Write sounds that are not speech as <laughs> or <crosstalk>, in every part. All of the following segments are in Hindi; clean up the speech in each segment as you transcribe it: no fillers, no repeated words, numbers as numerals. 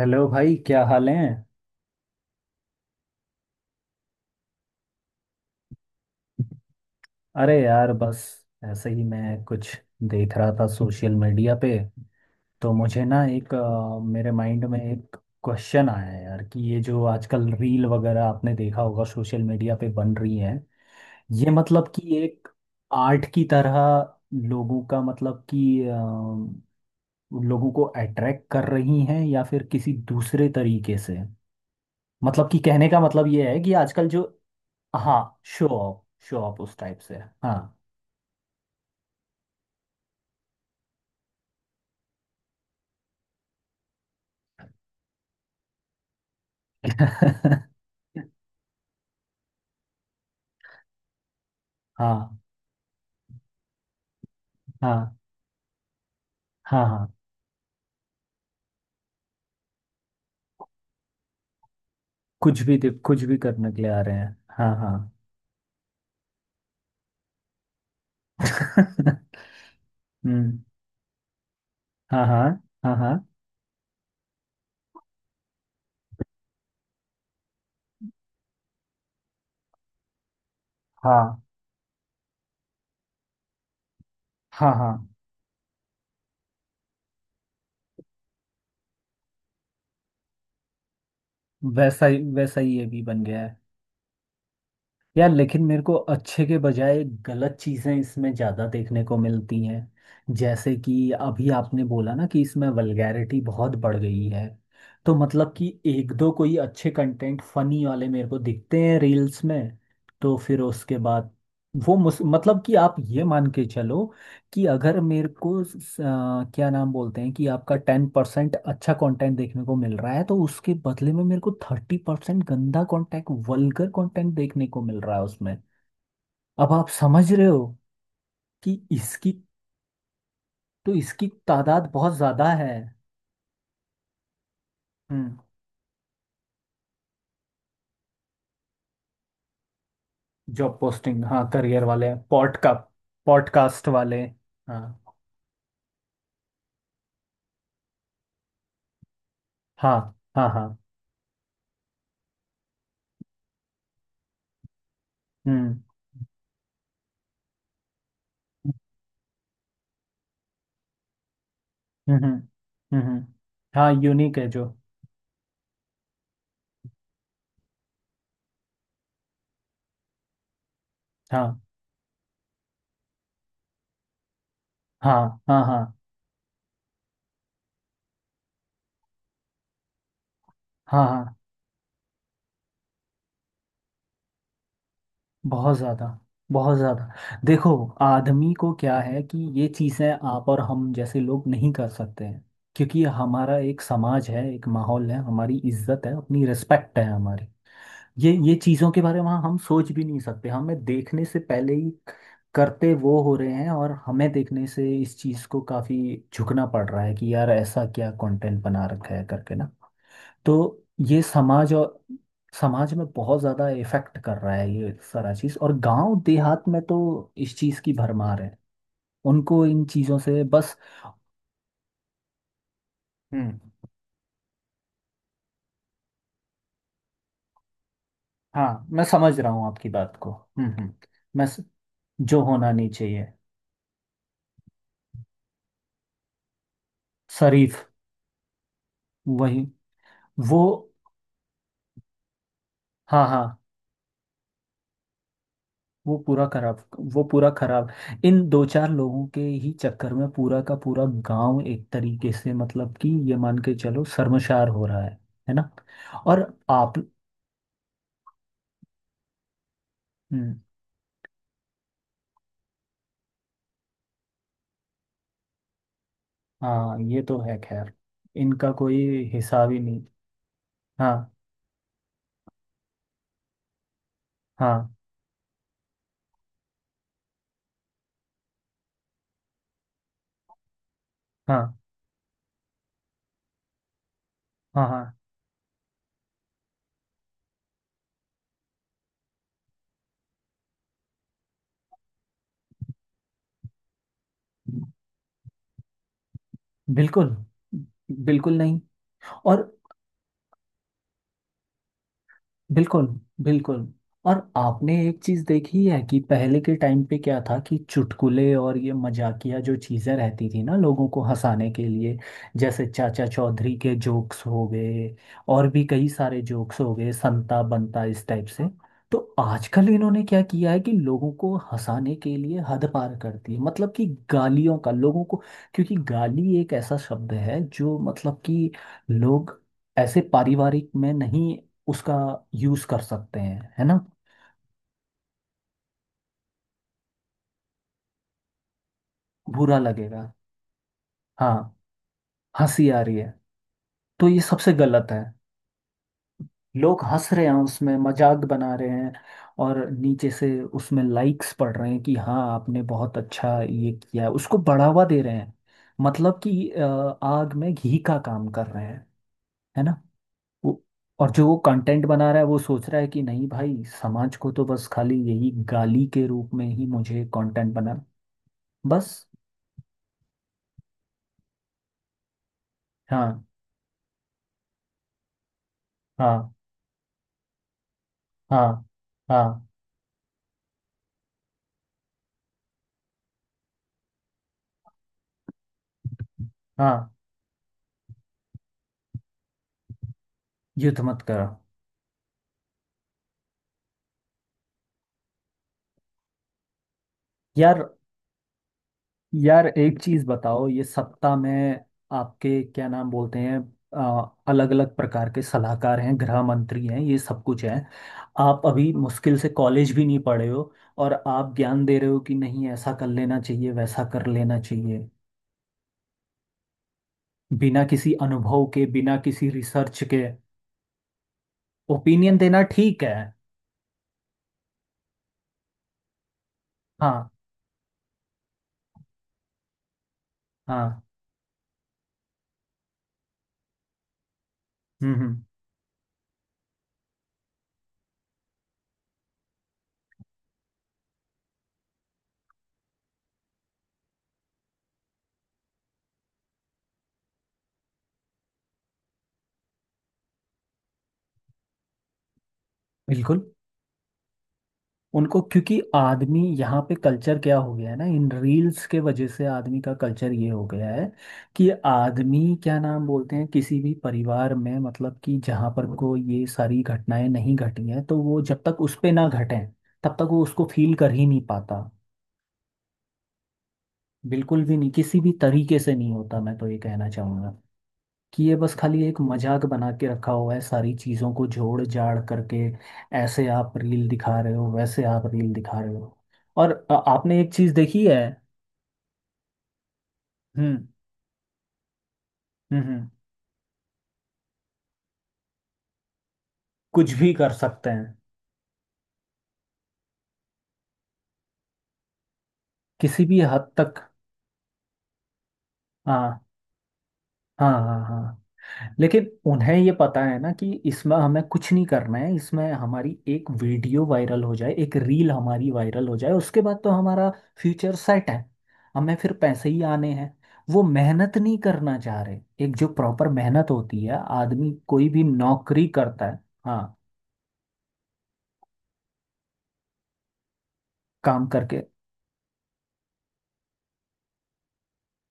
हेलो भाई, क्या हाल है? अरे यार, बस ऐसे ही मैं कुछ देख रहा था सोशल मीडिया पे। तो मुझे ना मेरे माइंड में एक क्वेश्चन आया यार कि ये जो आजकल रील वगैरह आपने देखा होगा सोशल मीडिया पे बन रही है, ये मतलब कि एक आर्ट की तरह लोगों का मतलब कि लोगों को अट्रैक्ट कर रही हैं या फिर किसी दूसरे तरीके से। मतलब कि कहने का मतलब ये है कि आजकल जो, हाँ, शो ऑफ। शो ऑफ उस टाइप से। हाँ। <laughs> हाँ हाँ। हाँ हाँ। कुछ भी करने के लिए आ रहे हैं। हाँ हाँ। <laughs> हम्म। हाँ हाँ। हाँ हाँ। हाँ हाँ। हाँ। वैसा ही ये भी बन गया। यार, लेकिन मेरे को अच्छे के बजाय गलत चीज़ें इसमें ज़्यादा देखने को मिलती हैं। जैसे कि अभी आपने बोला ना कि इसमें वल्गैरिटी बहुत बढ़ गई है। तो मतलब कि एक दो कोई अच्छे कंटेंट फनी वाले मेरे को दिखते हैं रील्स में। तो फिर उसके बाद वो मुस मतलब कि आप ये मान के चलो कि अगर मेरे को क्या नाम बोलते हैं कि आपका 10% अच्छा कंटेंट देखने को मिल रहा है, तो उसके बदले में मेरे को 30% गंदा कंटेंट वल्गर कंटेंट देखने को मिल रहा है उसमें। अब आप समझ रहे हो कि इसकी तो इसकी तादाद बहुत ज्यादा है। हम्म। जॉब पोस्टिंग, हाँ, करियर वाले पॉडकास्ट वाले। हाँ हाँ। हाँ हाँ। हम्म हम्म। हम्म, हम्म, हाँ यूनिक है जो। हाँ हाँ। हाँ हाँ। हाँ हाँ। बहुत ज़्यादा। बहुत ज़्यादा देखो। आदमी को क्या है कि ये चीज़ें आप और हम जैसे लोग नहीं कर सकते हैं, क्योंकि हमारा एक समाज है, एक माहौल है, हमारी इज्जत है, अपनी रिस्पेक्ट है हमारी। ये चीज़ों के बारे में हम सोच भी नहीं सकते, हमें देखने से पहले ही करते वो हो रहे हैं और हमें देखने से इस चीज़ को काफ़ी झुकना पड़ रहा है कि यार ऐसा क्या कंटेंट बना रखा है करके ना। तो ये समाज और समाज में बहुत ज्यादा इफेक्ट कर रहा है ये सारा चीज, और गांव देहात में तो इस चीज की भरमार है। उनको इन चीजों से बस। हम्म। हाँ, मैं समझ रहा हूँ आपकी बात को। हम्म। मैं स- जो होना नहीं चाहिए। शरीफ। वही। वो। हाँ हाँ। वो पूरा खराब। वो पूरा खराब। इन दो चार लोगों के ही चक्कर में पूरा का पूरा गांव एक तरीके से मतलब कि ये मान के चलो शर्मशार हो रहा है। है ना? और आप। हम्म। हाँ ये तो है खैर, इनका कोई हिसाब ही नहीं। हाँ हाँ। हाँ हाँ। हाँ। बिल्कुल। बिल्कुल नहीं। और बिल्कुल। बिल्कुल। और आपने एक चीज देखी है कि पहले के टाइम पे क्या था कि चुटकुले और ये मजाकिया जो चीजें रहती थी ना लोगों को हंसाने के लिए, जैसे चाचा चौधरी के जोक्स हो गए, और भी कई सारे जोक्स हो गए, संता बनता इस टाइप से। तो आजकल इन्होंने क्या किया है कि लोगों को हंसाने के लिए हद पार कर दी है, मतलब कि गालियों का लोगों को। क्योंकि गाली एक ऐसा शब्द है जो मतलब कि लोग ऐसे पारिवारिक में नहीं उसका यूज कर सकते हैं। है ना? बुरा लगेगा। हाँ। हंसी आ रही है। तो ये सबसे गलत है। लोग हंस रहे हैं, उसमें मजाक बना रहे हैं। और नीचे से उसमें लाइक्स पड़ रहे हैं कि हाँ आपने बहुत अच्छा ये किया है। उसको बढ़ावा दे रहे हैं। मतलब कि आग में घी का काम कर रहे हैं। है ना? वो- और जो वो कंटेंट बना रहा है वो सोच रहा है कि नहीं भाई समाज को तो बस खाली यही गाली के रूप में ही मुझे कंटेंट बना। बस। हाँ हाँ। हाँ हाँ। हाँ। युद्ध मत करो। यार। यार, एक चीज बताओ, ये सत्ता में आपके क्या नाम बोलते हैं, अलग अलग प्रकार के सलाहकार हैं, गृह मंत्री हैं, ये सब कुछ है। आप अभी मुश्किल से कॉलेज भी नहीं पढ़े हो, और आप ज्ञान दे रहे हो कि नहीं ऐसा कर लेना चाहिए वैसा कर लेना चाहिए, बिना किसी अनुभव के, बिना किसी रिसर्च के। ओपिनियन देना ठीक है। हाँ हाँ। हम्म। बिल्कुल। उनको क्योंकि आदमी यहाँ पे कल्चर क्या हो गया है ना इन रील्स के वजह से, आदमी का कल्चर ये हो गया है कि आदमी क्या नाम बोलते हैं किसी भी परिवार में मतलब कि जहाँ पर को ये सारी घटनाएं नहीं घटी हैं तो वो जब तक उस पे ना घटें तब तक वो उसको फील कर ही नहीं पाता। बिल्कुल भी नहीं किसी भी तरीके से नहीं होता। मैं तो ये कहना चाहूँगा कि ये बस खाली एक मजाक बना के रखा हुआ है सारी चीज़ों को जोड़ जाड़ करके। ऐसे आप रील दिखा रहे हो, वैसे आप रील दिखा रहे हो। और आपने एक चीज़ देखी है। हम्म। हम्म। कुछ भी कर सकते हैं। किसी भी हद तक। हाँ हाँ। हाँ हाँ। लेकिन उन्हें ये पता है ना कि इसमें हमें कुछ नहीं करना है, इसमें हमारी एक वीडियो वायरल हो जाए, एक रील हमारी वायरल हो जाए, उसके बाद तो हमारा फ्यूचर सेट है। हमें फिर पैसे ही आने हैं। वो मेहनत नहीं करना चाह रहे। एक जो प्रॉपर मेहनत होती है आदमी कोई भी नौकरी करता है। हाँ। काम करके।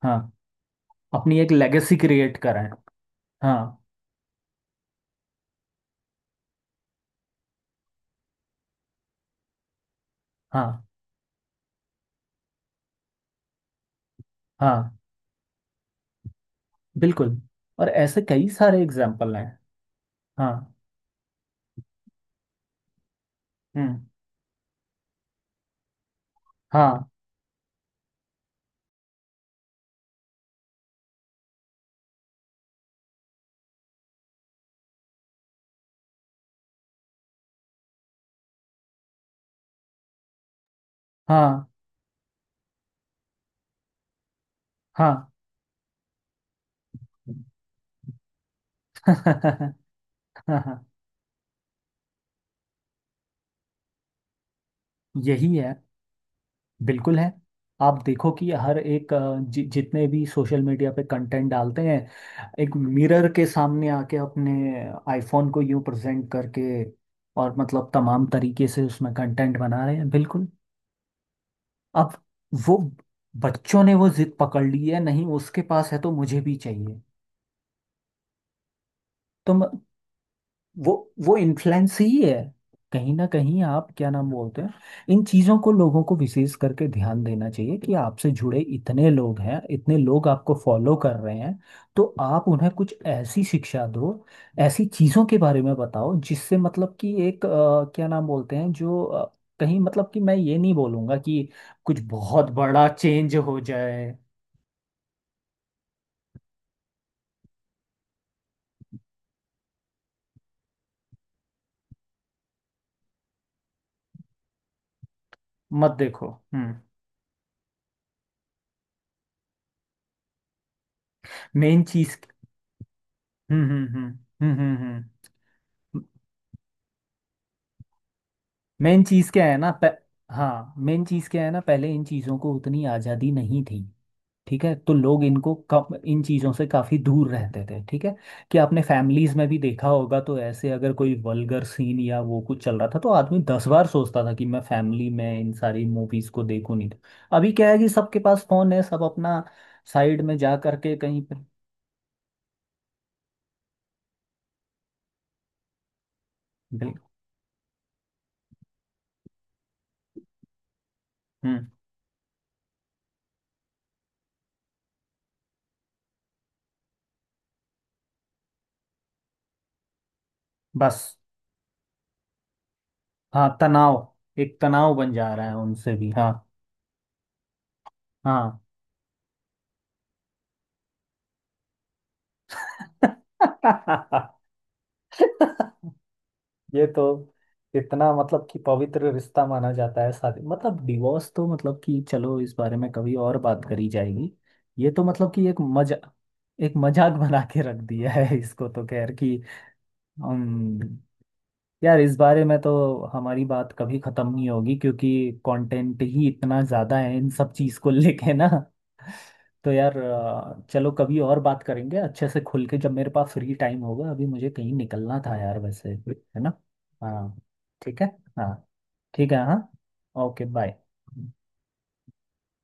हाँ। अपनी एक लेगेसी क्रिएट कराए। हाँ। हाँ। हाँ। बिल्कुल। और ऐसे कई सारे एग्जाम्पल हैं। हाँ। हम्म। हाँ हाँ। हाँ। <laughs> यही है। बिल्कुल है। आप देखो कि हर एक जितने भी सोशल मीडिया पे कंटेंट डालते हैं एक मिरर के सामने आके अपने आईफोन को यूं प्रेजेंट करके, और मतलब तमाम तरीके से उसमें कंटेंट बना रहे हैं बिल्कुल। अब वो बच्चों ने वो जिद पकड़ ली है, नहीं उसके पास है तो मुझे भी चाहिए। तो वो वो इन्फ्लुएंस ही है कहीं ना कहीं। आप क्या नाम बोलते हैं, इन चीज़ों को लोगों को विशेष करके ध्यान देना चाहिए कि आपसे जुड़े इतने लोग हैं, इतने लोग आपको फॉलो कर रहे हैं, तो आप उन्हें कुछ ऐसी शिक्षा दो, ऐसी चीज़ों के बारे में बताओ जिससे मतलब कि एक क्या नाम बोलते हैं जो कहीं मतलब कि मैं ये नहीं बोलूँगा कि कुछ बहुत बड़ा चेंज हो जाए। मत देखो। हम्म। मेन चीज़। हम्म। हम्म। हम्म। मेन चीज़ क्या है ना हाँ, मेन चीज़ क्या है ना पहले इन चीज़ों को उतनी आज़ादी नहीं थी। ठीक है, तो लोग इनको कम, इन चीज़ों से काफ़ी दूर रहते थे। ठीक है कि आपने फैमिलीज़ में भी देखा होगा, तो ऐसे अगर कोई वल्गर सीन या वो कुछ चल रहा था तो आदमी दस बार सोचता था कि मैं फैमिली में इन सारी मूवीज़ को देखूं नहीं तो। अभी क्या है कि सबके पास फ़ोन है, सब अपना साइड में जा करके कहीं पर। बिल्कुल। हम्म। बस। हाँ, तनाव। एक तनाव बन जा रहा है उनसे भी। हाँ। हाँ। <laughs> ये तो। इतना मतलब कि पवित्र रिश्ता माना जाता है शादी, मतलब डिवोर्स तो मतलब कि चलो इस बारे में कभी और बात करी जाएगी। ये तो मतलब कि एक मजा, एक मजाक बना के रख दिया है इसको तो, खैर कि यार इस बारे में तो हमारी बात कभी खत्म नहीं होगी, क्योंकि कंटेंट ही इतना ज्यादा है इन सब चीज को <laughs> लेके ना। तो यार, चलो कभी और बात करेंगे अच्छे से खुल के, जब मेरे पास फ्री टाइम होगा। अभी मुझे कहीं निकलना था यार वैसे, है ना? हाँ। ठीक है। हाँ। ठीक है। हाँ। ओके। बाय।